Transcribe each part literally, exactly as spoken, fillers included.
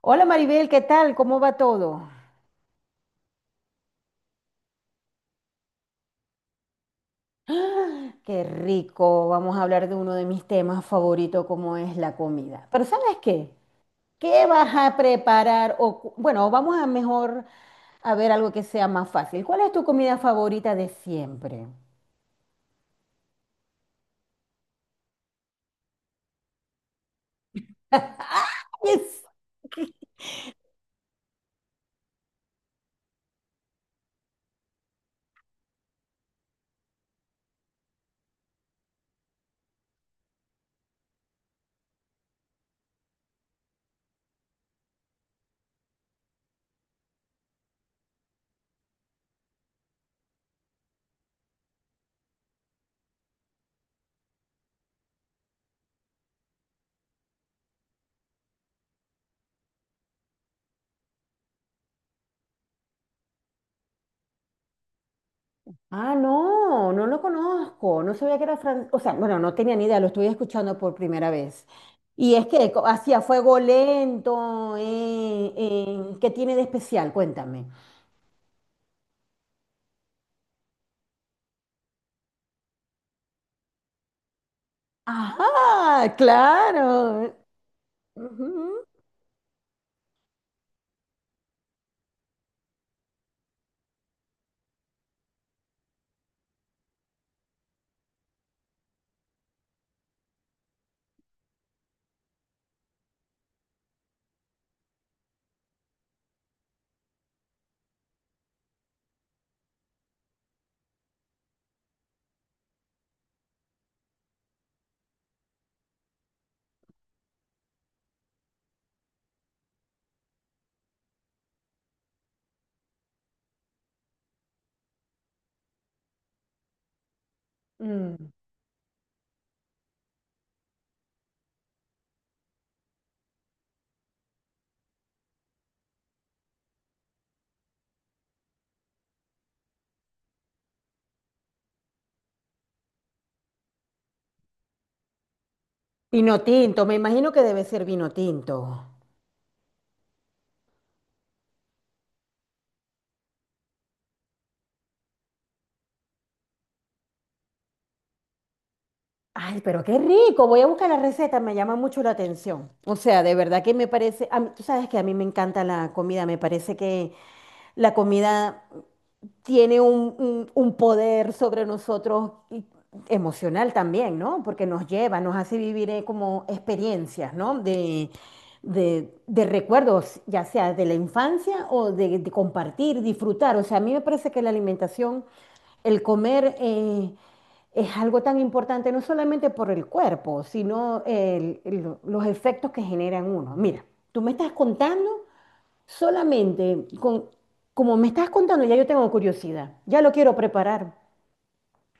Hola Maribel, ¿qué tal? ¿Cómo va todo? Qué rico, vamos a hablar de uno de mis temas favoritos, como es la comida. Pero ¿sabes qué? ¿Qué vas a preparar? O, cu- bueno, vamos a mejor a ver algo que sea más fácil. ¿Cuál es tu comida favorita de siempre? Yes. Ah, no, no lo conozco, no sabía que era francés, o sea, bueno, no tenía ni idea, lo estoy escuchando por primera vez. Y es que co- hacía fuego lento, eh, eh, ¿qué tiene de especial? Cuéntame. Ajá, claro. Ujú. Mm. Vino tinto, me imagino que debe ser vino tinto. Ay, pero qué rico, voy a buscar la receta, me llama mucho la atención. O sea, de verdad que me parece, a mí- tú sabes que a mí me encanta la comida, me parece que la comida tiene un, un- un poder sobre nosotros y- emocional también, ¿no? Porque nos lleva, nos hace vivir eh, como experiencias, ¿no? De, de- de recuerdos, ya sea de la infancia o de, de compartir, disfrutar. O sea, a mí me parece que la alimentación, el comer, eh, es algo tan importante, no solamente por el cuerpo, sino el- el- los efectos que generan uno. Mira, tú me estás contando. Solamente con, como me estás contando, ya yo tengo curiosidad, ya lo quiero preparar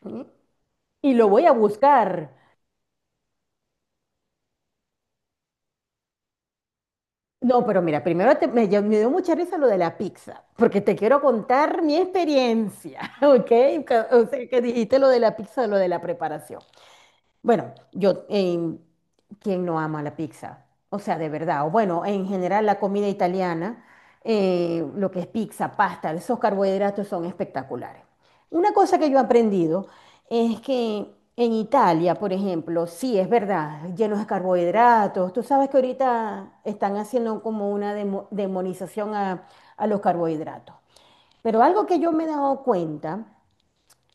¿eh? Y lo voy a buscar. No, pero mira, primero te- me, ya- me dio mucha risa lo de la pizza, porque te quiero contar mi experiencia, ¿ok? Que- O sea, que dijiste lo de la pizza, lo de la preparación. Bueno, yo, em, ¿quién no ama la pizza? O sea, de verdad, o bueno, en general la comida italiana, eh, lo que es pizza, pasta, esos carbohidratos son espectaculares. Una cosa que yo he aprendido es que en Italia, por ejemplo, sí es verdad, llenos de carbohidratos. Tú sabes que ahorita están haciendo como una demo- demonización a, a los carbohidratos. Pero algo que yo me he dado cuenta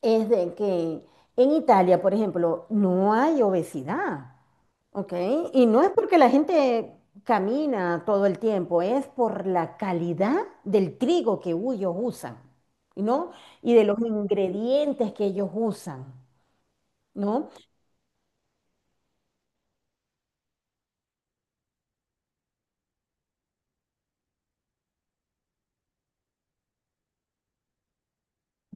es de que en Italia, por ejemplo, no hay obesidad, ¿ok? Y no es porque la gente camina todo el tiempo, es por la calidad del trigo que ellos usan, ¿no? Y de los ingredientes que ellos usan, ¿no?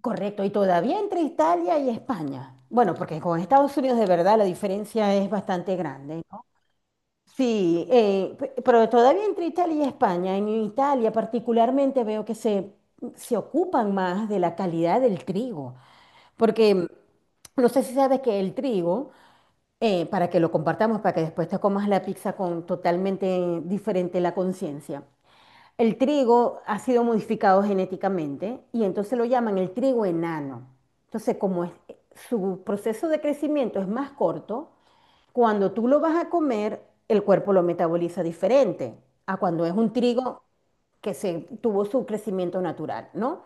Correcto, y todavía entre Italia y España. Bueno, porque con Estados Unidos de verdad la diferencia es bastante grande. Sí, eh, pe- pero todavía entre Italia y España, en Italia particularmente veo que se, se ocupan más de la calidad del trigo, porque no sé si sabes que el trigo, eh, para que lo compartamos, para que después te comas la pizza con totalmente diferente la conciencia, el trigo ha sido modificado genéticamente y entonces lo llaman el trigo enano. Entonces, como es- eh, su proceso de crecimiento es más corto, cuando tú lo vas a comer, el cuerpo lo metaboliza diferente a cuando es un trigo que se tuvo su crecimiento natural, ¿no?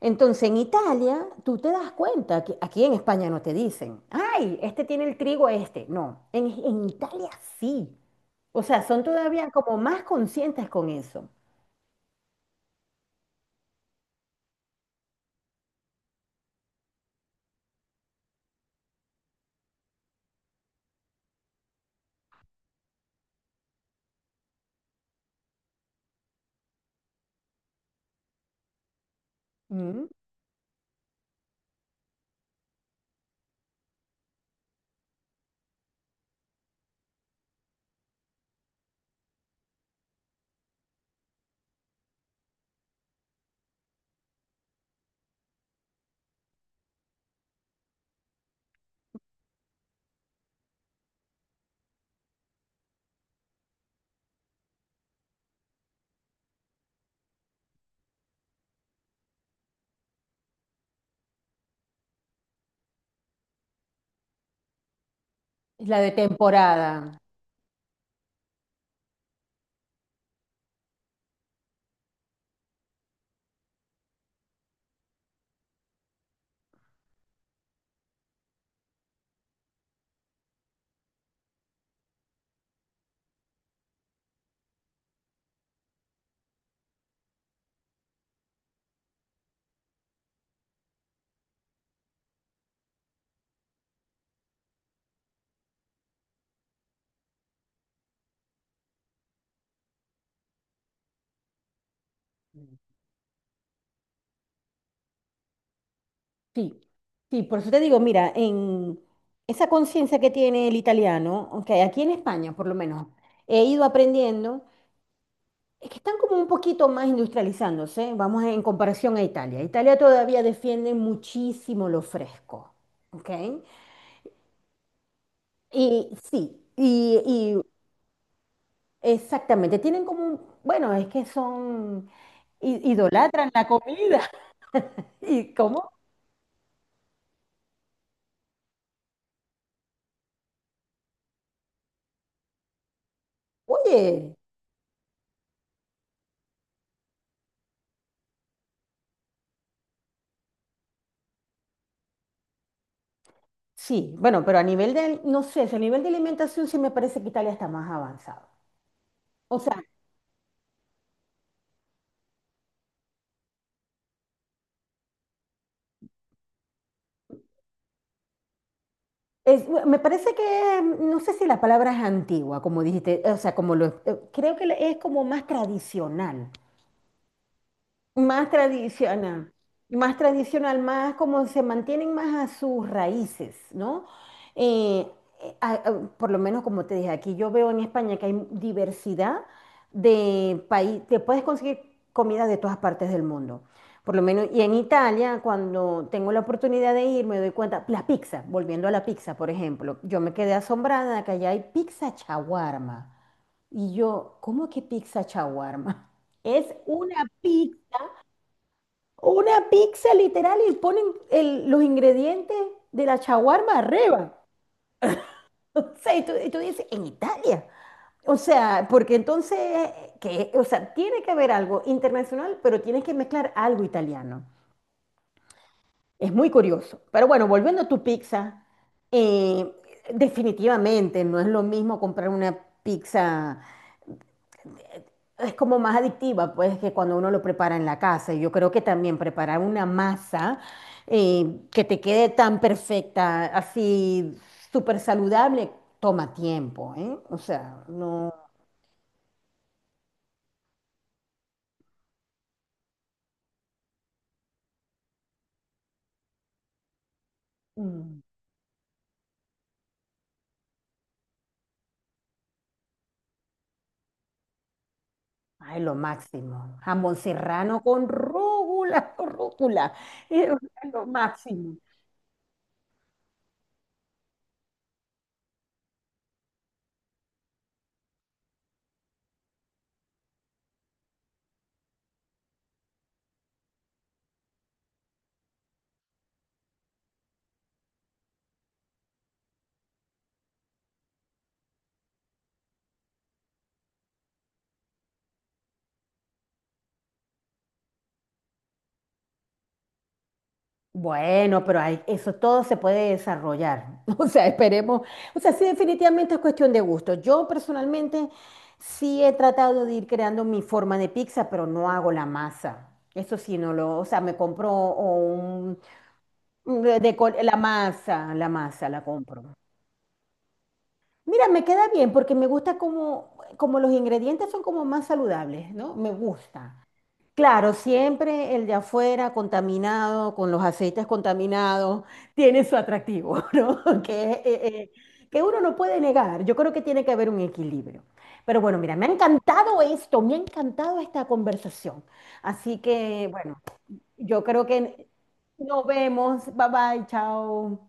Entonces, en Italia, tú te das cuenta que aquí en España no te dicen, ay, este tiene el trigo este. No, en, en Italia sí. O sea, son todavía como más conscientes con eso. Mm. La de temporada. Sí, sí, por eso te digo, mira, en esa conciencia que tiene el italiano, aunque aquí en España por lo menos he ido aprendiendo, es que están como un poquito más industrializándose, vamos en comparación a Italia. Italia todavía defiende muchísimo lo fresco, ¿ok? Y sí, y, y exactamente, tienen como un, bueno, es que son, i- idolatran la comida. ¿Y cómo? Oye. Sí, bueno, pero a nivel de, no sé, si a nivel de alimentación sí me parece que Italia está más avanzado. O sea, es- me parece que, mm, no sé si la palabra es antigua, como dijiste, o sea, como lo, eh, creo que le- es como más tradicional. Más tradicional, más tradicional, más como se mantienen más a sus raíces, ¿no? Eh, eh, a- a- por lo menos como te dije, aquí yo veo en España que hay diversidad de país, te puedes conseguir comida de todas partes del mundo. Por lo menos, y en Italia, cuando tengo la oportunidad de ir, me doy cuenta, la pizza, volviendo a la pizza, por ejemplo, yo me quedé asombrada de que allá hay pizza chaguarma. Y yo, ¿cómo que pizza chaguarma? Es una pizza una pizza literal y ponen el- los ingredientes de la shawarma arriba. O sea, y tú, y tú dices, en Italia. O sea, porque entonces, que, o sea, tiene que haber algo internacional, pero tienes que mezclar algo italiano. Es muy curioso. Pero bueno, volviendo a tu pizza, eh, definitivamente no es lo mismo comprar una pizza. Es como más adictiva, pues, que cuando uno lo prepara en la casa. Y yo creo que también preparar una masa eh, que te quede tan perfecta, así súper saludable, toma tiempo, ¿eh? O sea, no... mm, ay, lo máximo. Jamón serrano con rúcula, rúcula. Es lo máximo. Bueno, pero hay- eso todo se puede desarrollar. O sea, esperemos. O sea, sí, definitivamente es cuestión de gusto. Yo personalmente sí he tratado de ir creando mi forma de pizza, pero no hago la masa. Eso sí, no lo. O sea, me compro o un, un de- de col- la masa, la masa la compro. Mira, me queda bien porque me gusta como, como los ingredientes son como más saludables, ¿no? Me gusta. Claro, siempre el de afuera contaminado, con los aceites contaminados, tiene su atractivo, ¿no? Que, eh, eh, que uno no puede negar. Yo creo que tiene que haber un equilibrio. Pero bueno, mira, me ha encantado esto, me ha encantado esta conversación. Así que, bueno, yo creo que nos vemos. Bye bye, chao.